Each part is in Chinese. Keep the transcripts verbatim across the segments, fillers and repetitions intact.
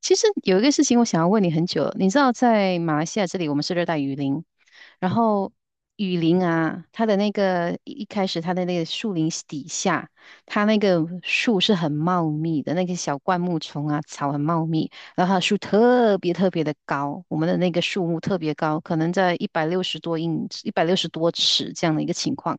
其实有一个事情我想要问你很久了。你知道在马来西亚这里我们是热带雨林，然后雨林啊，它的那个一一开始它的那个树林底下，它那个树是很茂密的，那个小灌木丛啊，草很茂密，然后它的树特别特别的高，我们的那个树木特别高，可能在一百六十多英，一百六十多尺这样的一个情况。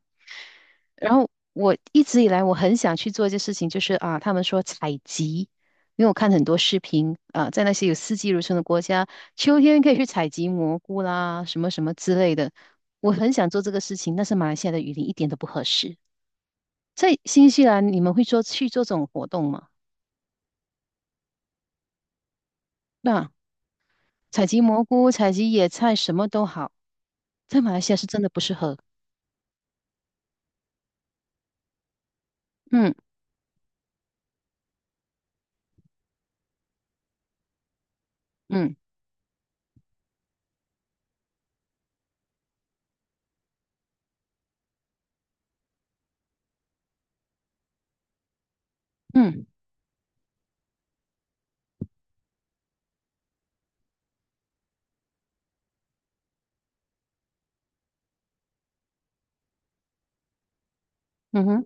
然后我一直以来我很想去做一件事情，就是啊，他们说采集，因为我看很多视频啊，在那些有四季如春的国家，秋天可以去采集蘑菇啦，什么什么之类的。我很想做这个事情，但是马来西亚的雨林一点都不合适。在新西兰，你们会做去做这种活动吗？那、采集蘑菇、采集野菜，什么都好，在马来西亚是真的不适合。嗯，嗯，嗯，嗯哼，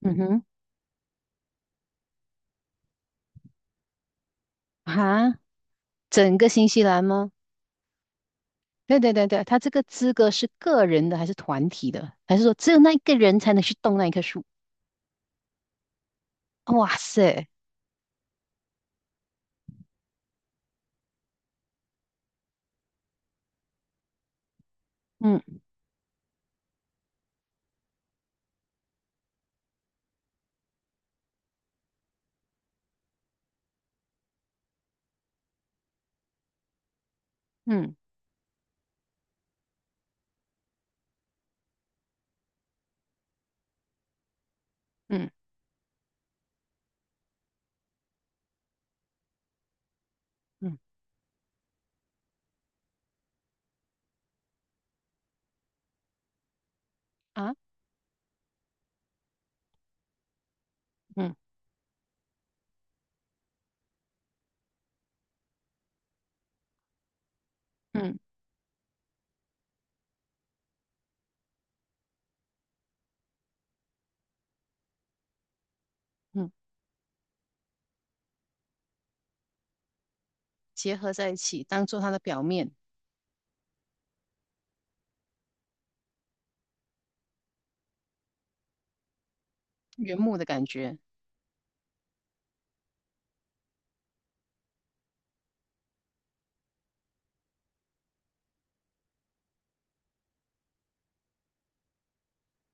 嗯哼，啊，整个新西兰吗？对对对对，他这个资格是个人的还是团体的？还是说只有那一个人才能去动那一棵树？哇塞，嗯，嗯，嗯，嗯，啊，嗯，嗯，嗯，结合在一起，当做它的表面。原木的感觉。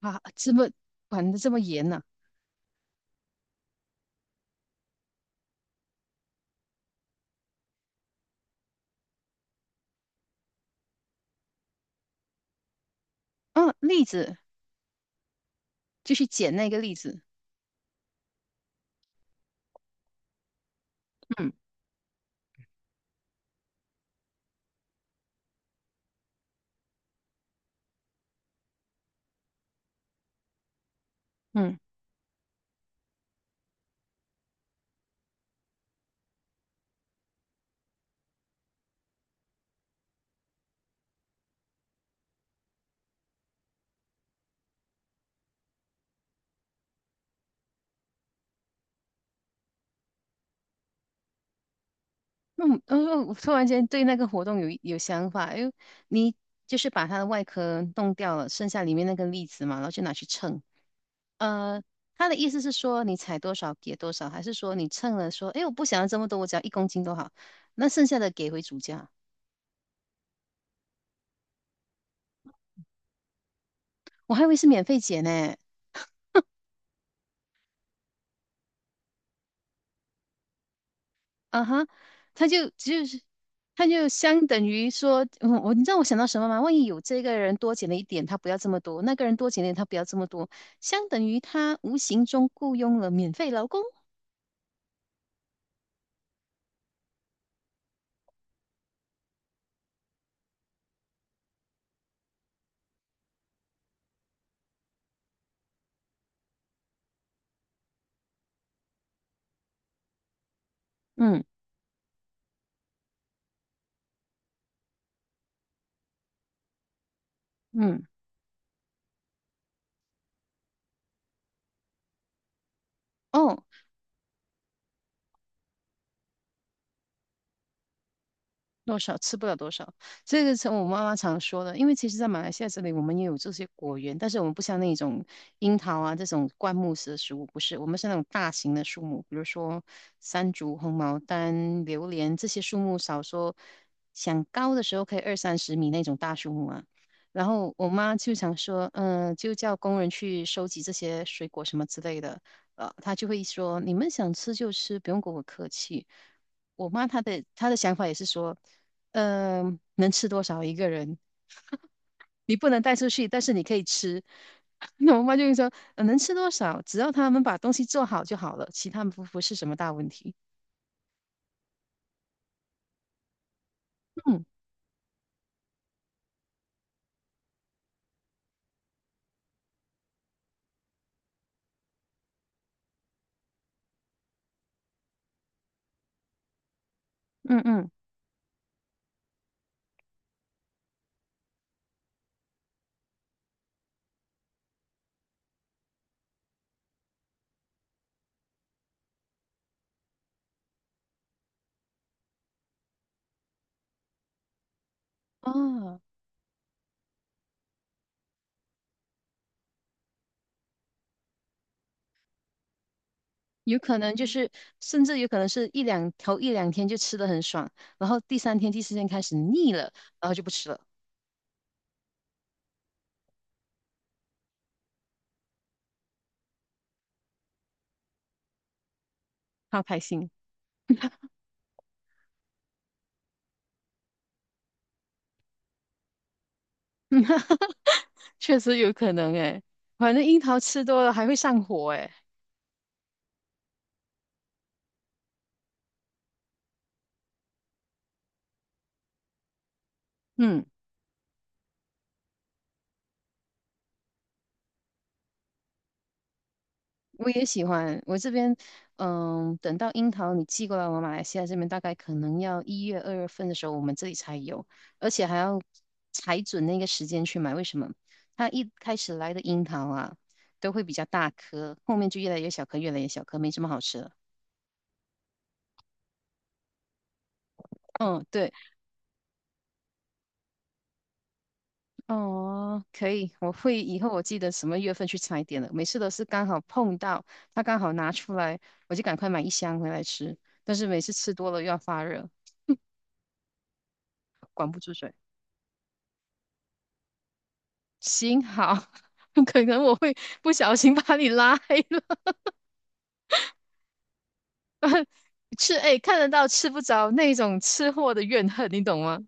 啊，这么管得这么严呢？嗯，栗子，就去捡那个栗子。嗯，嗯，嗯，嗯，我突然间对那个活动有有想法，因为你就是把它的外壳弄掉了，剩下里面那个栗子嘛，然后就拿去称。呃，他的意思是说你采多少给多少，还是说你称了说，哎，我不想要这么多，我只要一公斤都好，那剩下的给回主家。我还以为是免费减呢。啊哈，他就就是他就相等于说，嗯，我你知道我想到什么吗？万一有这个人多减了一点，他不要这么多；那个人多减了一点，他不要这么多，相等于他无形中雇佣了免费劳工。嗯，嗯，哦，多少吃不了多少，这个是我妈妈常说的。因为其实，在马来西亚这里，我们也有这些果园，但是我们不像那种樱桃啊这种灌木式的食物，不是，我们是那种大型的树木，比如说山竹、红毛丹、榴莲这些树木，少说想高的时候可以二三十米那种大树木啊。然后我妈就想说，嗯、就叫工人去收集这些水果什么之类的，呃，她就会说，你们想吃就吃，不用跟我客气。我妈她的她的想法也是说，嗯、能吃多少一个人，你不能带出去，但是你可以吃。那我妈就会说，呃能吃多少，只要他们把东西做好就好了，其他不不是什么大问题。嗯，嗯，嗯，哦，有可能就是，甚至有可能是一两头一两天就吃的很爽，然后第三天、第四天开始腻了，然后就不吃了。好开心。确实有可能诶，反正樱桃吃多了还会上火诶。嗯。我也喜欢。我这边，嗯，等到樱桃你寄过来，我马来西亚这边大概可能要一月、二月份的时候，我们这里才有，而且还要踩准那个时间去买。为什么？它一开始来的樱桃啊，都会比较大颗，后面就越来越小颗，越来越小颗，没什么好吃了。嗯，对，哦，可以，我会以后我记得什么月份去踩点了。每次都是刚好碰到，它刚好拿出来，我就赶快买一箱回来吃。但是每次吃多了又要发热，管不住嘴。行，好，可能我会不小心把你拉黑了。吃，哎，看得到吃不着那种吃货的怨恨，你懂吗？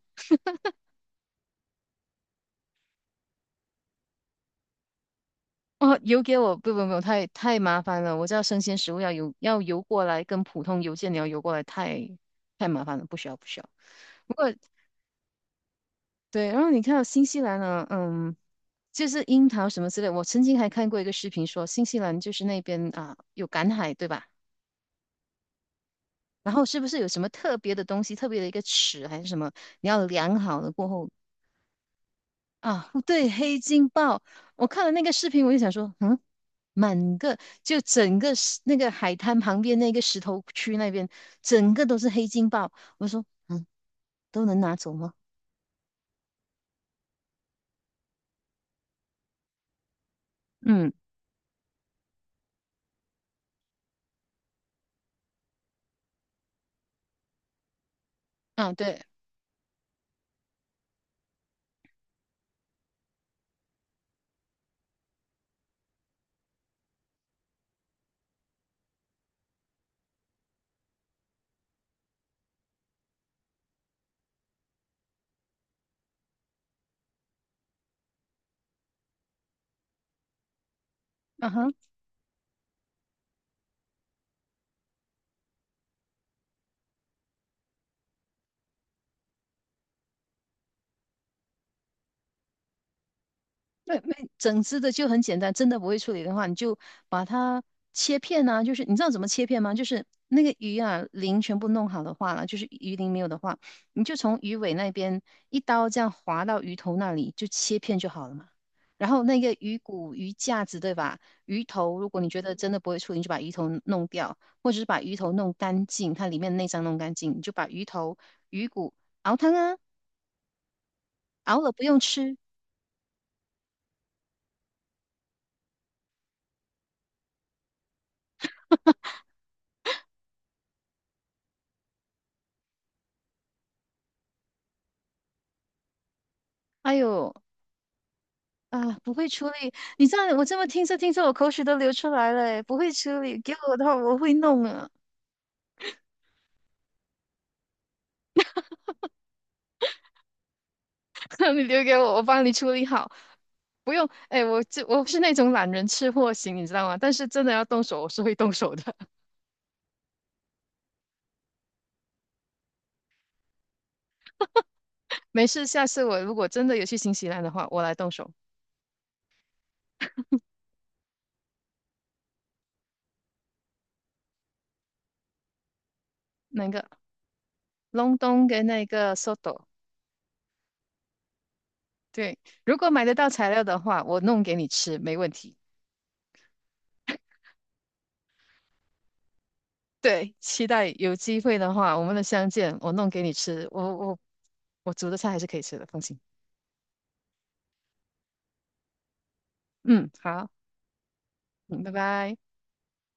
哦，邮给我，不不不，太太麻烦了。我知道生鲜食物要邮要邮过来，跟普通邮件你要邮过来，太太麻烦了，不需要不需要。不过对，然后你看到新西兰呢，嗯，就是樱桃什么之类，我曾经还看过一个视频说，新西兰就是那边啊有赶海，对吧？然后是不是有什么特别的东西，特别的一个尺还是什么，你要量好了过后。啊，对，黑金鲍，我看了那个视频，我就想说，嗯，满个就整个石那个海滩旁边那个石头区那边，整个都是黑金鲍，我说，嗯，都能拿走吗？嗯，啊，对，嗯哼。那那整只的就很简单，真的不会处理的话，你就把它切片啊。就是你知道怎么切片吗？就是那个鱼啊，鳞全部弄好的话了，就是鱼鳞没有的话，你就从鱼尾那边一刀这样划到鱼头那里，就切片就好了嘛。然后那个鱼骨、鱼架子，对吧？鱼头，如果你觉得真的不会处理，你就把鱼头弄掉，或者是把鱼头弄干净，它里面内脏弄干净，你就把鱼头、鱼骨熬汤啊，熬了不用吃。哎呦，啊，不会处理，你这样我这么听着听着，我口水都流出来了诶。不会处理，给我的话我会弄啊。你留给我，我帮你处理好，不用。哎，我这我是那种懒人吃货型，你知道吗？但是真的要动手，我是会动手的。没事，下次我如果真的有去新西兰的话，我来动手。那个隆冬跟那个 soto，对，如果买得到材料的话，我弄给你吃，没问题。对，期待有机会的话，我们的相见，我弄给你吃。我我我煮的菜还是可以吃的，放心。嗯，好，嗯，拜拜。